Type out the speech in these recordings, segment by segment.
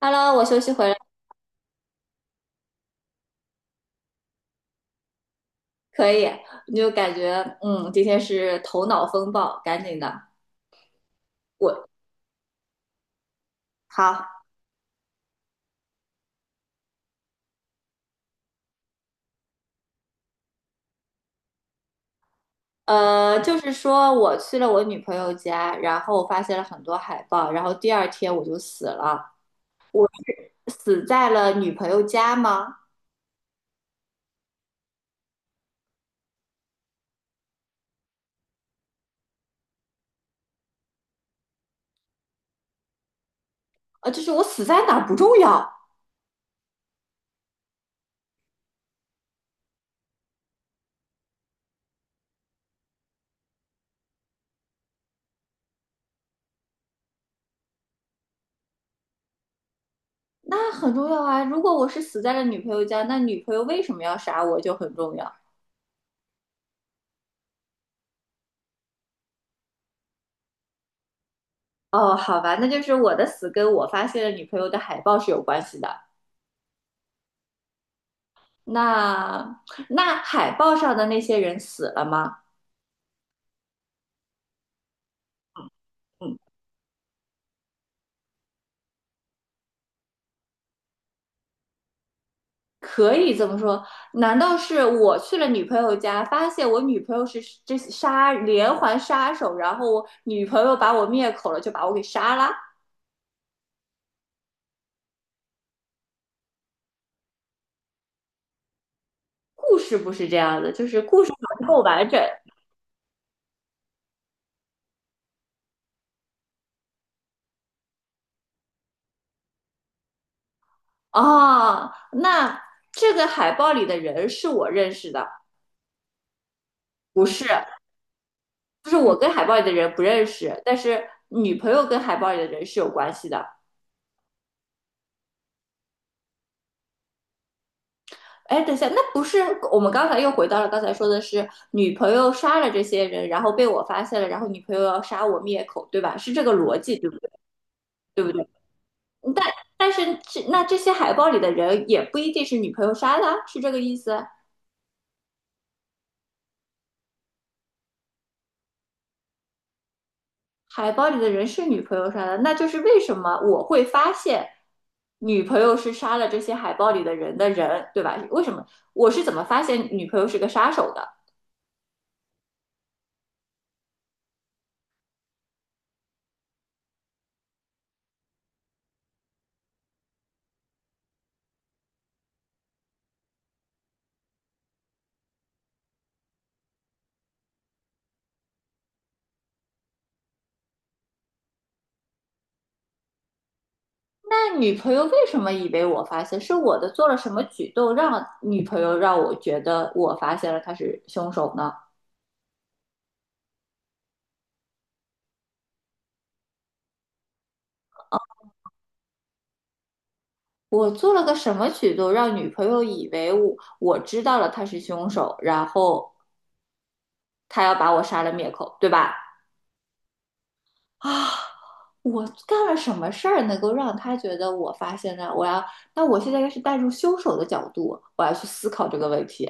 Hello，我休息回来。可以，你就感觉。今天是头脑风暴，赶紧的。我好。就是说我去了我女朋友家，然后我发现了很多海报，然后第二天我就死了。我死在了女朋友家吗？就是我死在哪儿不重要。那很重要啊。如果我是死在了女朋友家，那女朋友为什么要杀我就很重要。哦，好吧，那就是我的死跟我发现了女朋友的海报是有关系的。那那海报上的那些人死了吗？嗯，可以这么说。难道是我去了女朋友家，发现我女朋友是这杀连环杀手，然后我女朋友把我灭口了，就把我给杀了？故事不是这样的，就是故事不够完整啊。那这个海报里的人是我认识的。不是，就是我跟海报里的人不认识，但是女朋友跟海报里的人是有关系的。哎，等一下，那不是我们刚才又回到了刚才说的是女朋友杀了这些人，然后被我发现了，然后女朋友要杀我灭口，对吧？是这个逻辑，对不对？对不对？但但是这那这些海报里的人也不一定是女朋友杀的啊是这个意思？海报里的人是女朋友杀的，那就是为什么我会发现女朋友是杀了这些海报里的人的人，对吧？为什么我是怎么发现女朋友是个杀手的？那女朋友为什么以为我发现？是我的做了什么举动让女朋友让我觉得我发现了他是凶手呢？我做了个什么举动让女朋友以为我知道了他是凶手，然后他要把我杀了灭口，对吧？啊，我干了什么事儿能够让他觉得我发现呢？我要，那我现在应该是带入凶手的角度，我要去思考这个问题。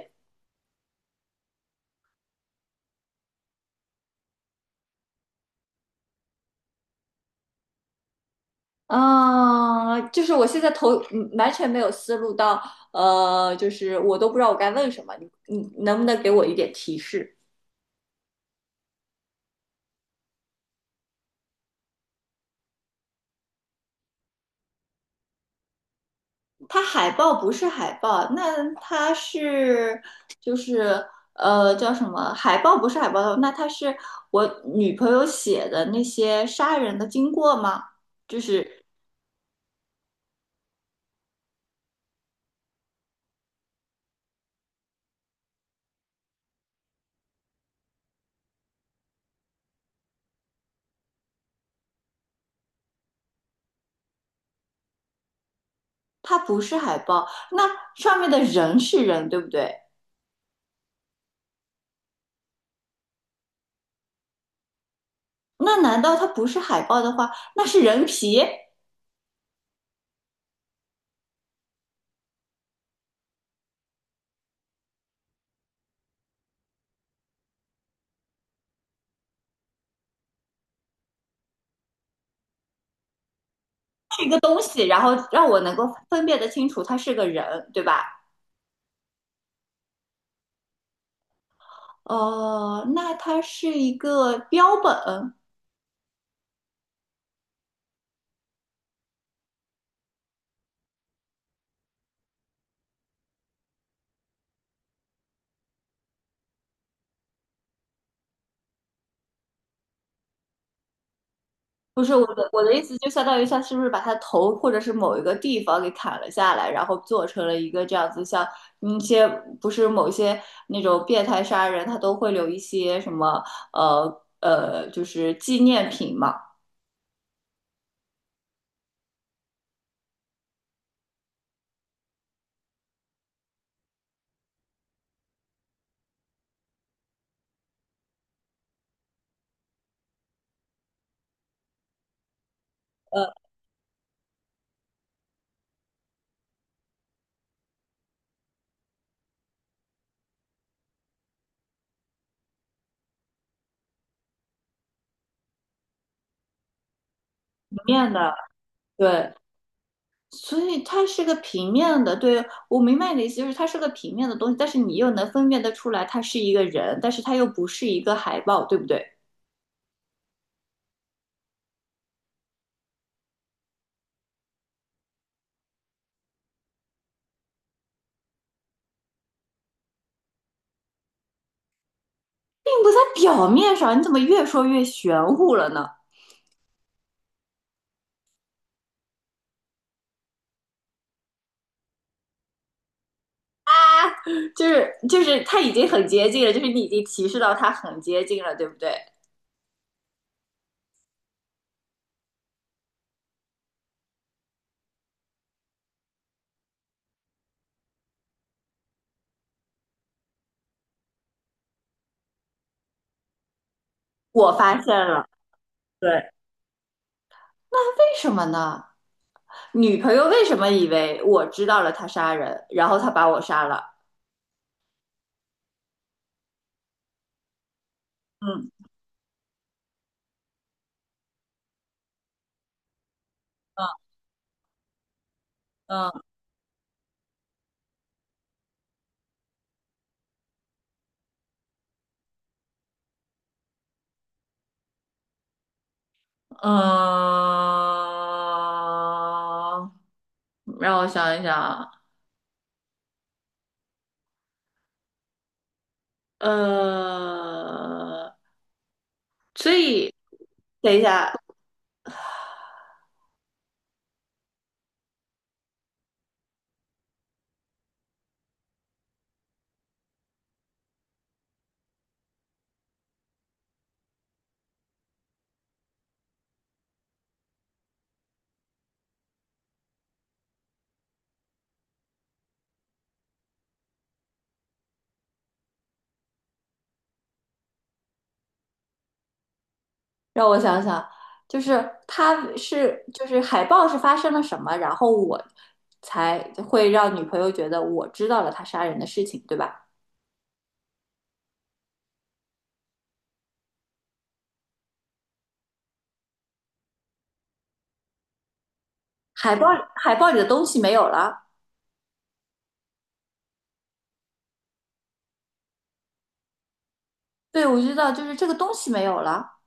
嗯，就是我现在头完全没有思路到，就是我都不知道我该问什么，你能不能给我一点提示？它海报不是海报，那它是就是叫什么？海报不是海豹，那它是我女朋友写的那些杀人的经过吗？就是它不是海报，那上面的人是人，对不对？那难道它不是海报的话，那是人皮？一个东西，然后让我能够分辨得清楚他是个人，对吧？哦、那他是一个标本。不是，我的意思，就相当于他是不是把他头或者是某一个地方给砍了下来，然后做成了一个这样子像，一些不是某些那种变态杀人，他都会留一些什么就是纪念品嘛。里面的对。所以它是个平面的，对，我明白你的意思，就是它是个平面的东西，但是你又能分辨得出来，它是一个人，但是它又不是一个海报，对不对？并不在表面上，你怎么越说越玄乎了呢？就是它已经很接近了，就是你已经提示到它很接近了，对不对？我发现了，对，为什么呢？女朋友为什么以为我知道了他杀人，然后他把我杀了？嗯嗯嗯嗯。让我想一想啊。呃，所以等一下，让我想想，就是他是就是海报是发生了什么，然后我才会让女朋友觉得我知道了他杀人的事情，对吧？海报海报里的东西没有了，对，我知道，就是这个东西没有了。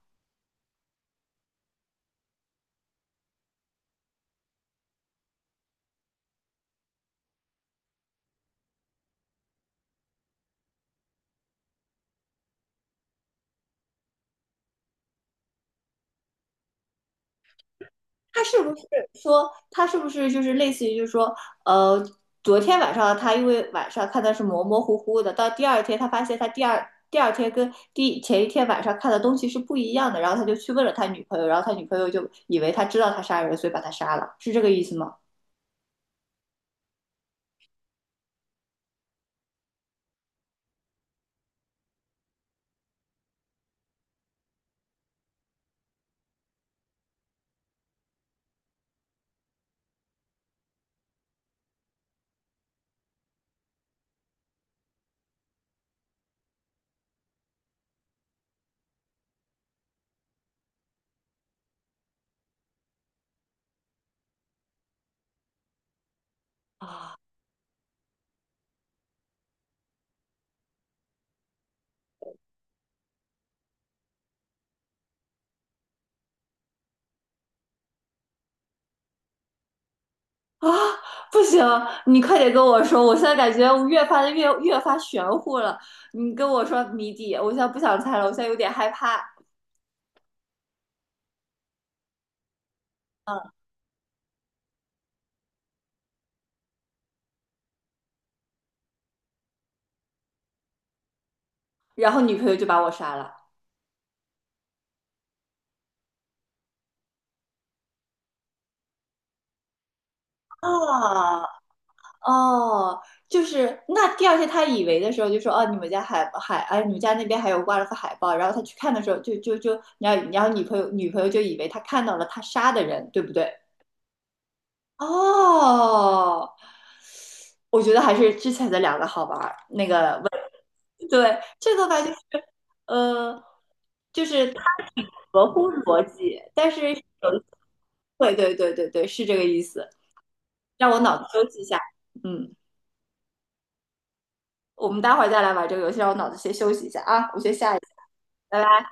他是不是说他是不是就是类似于就是说，呃，昨天晚上他因为晚上看的是模模糊糊的，到第二天他发现他第二天跟第前一天晚上看的东西是不一样的，然后他就去问了他女朋友，然后他女朋友就以为他知道他杀人，所以把他杀了，是这个意思吗？啊，啊，不行，你快点跟我说，我现在感觉我越发的越发玄乎了。你跟我说谜底，我现在不想猜了，我现在有点害怕。嗯，然后女朋友就把我杀了。啊，哦，就是那第二天他以为的时候就说哦，你们家哎，你们家那边还有挂了个海报，然后他去看的时候就就就，然后女朋友就以为他看到了他杀的人，对不对？哦，我觉得还是之前的两个好玩儿。那个问，对，这个吧就是呃，就是它挺合乎逻辑，但是有一对对对对对，是这个意思。让我脑子休息一下，嗯。我们待会儿再来玩这个游戏，让我脑子先休息一下啊，我先下一下，拜拜。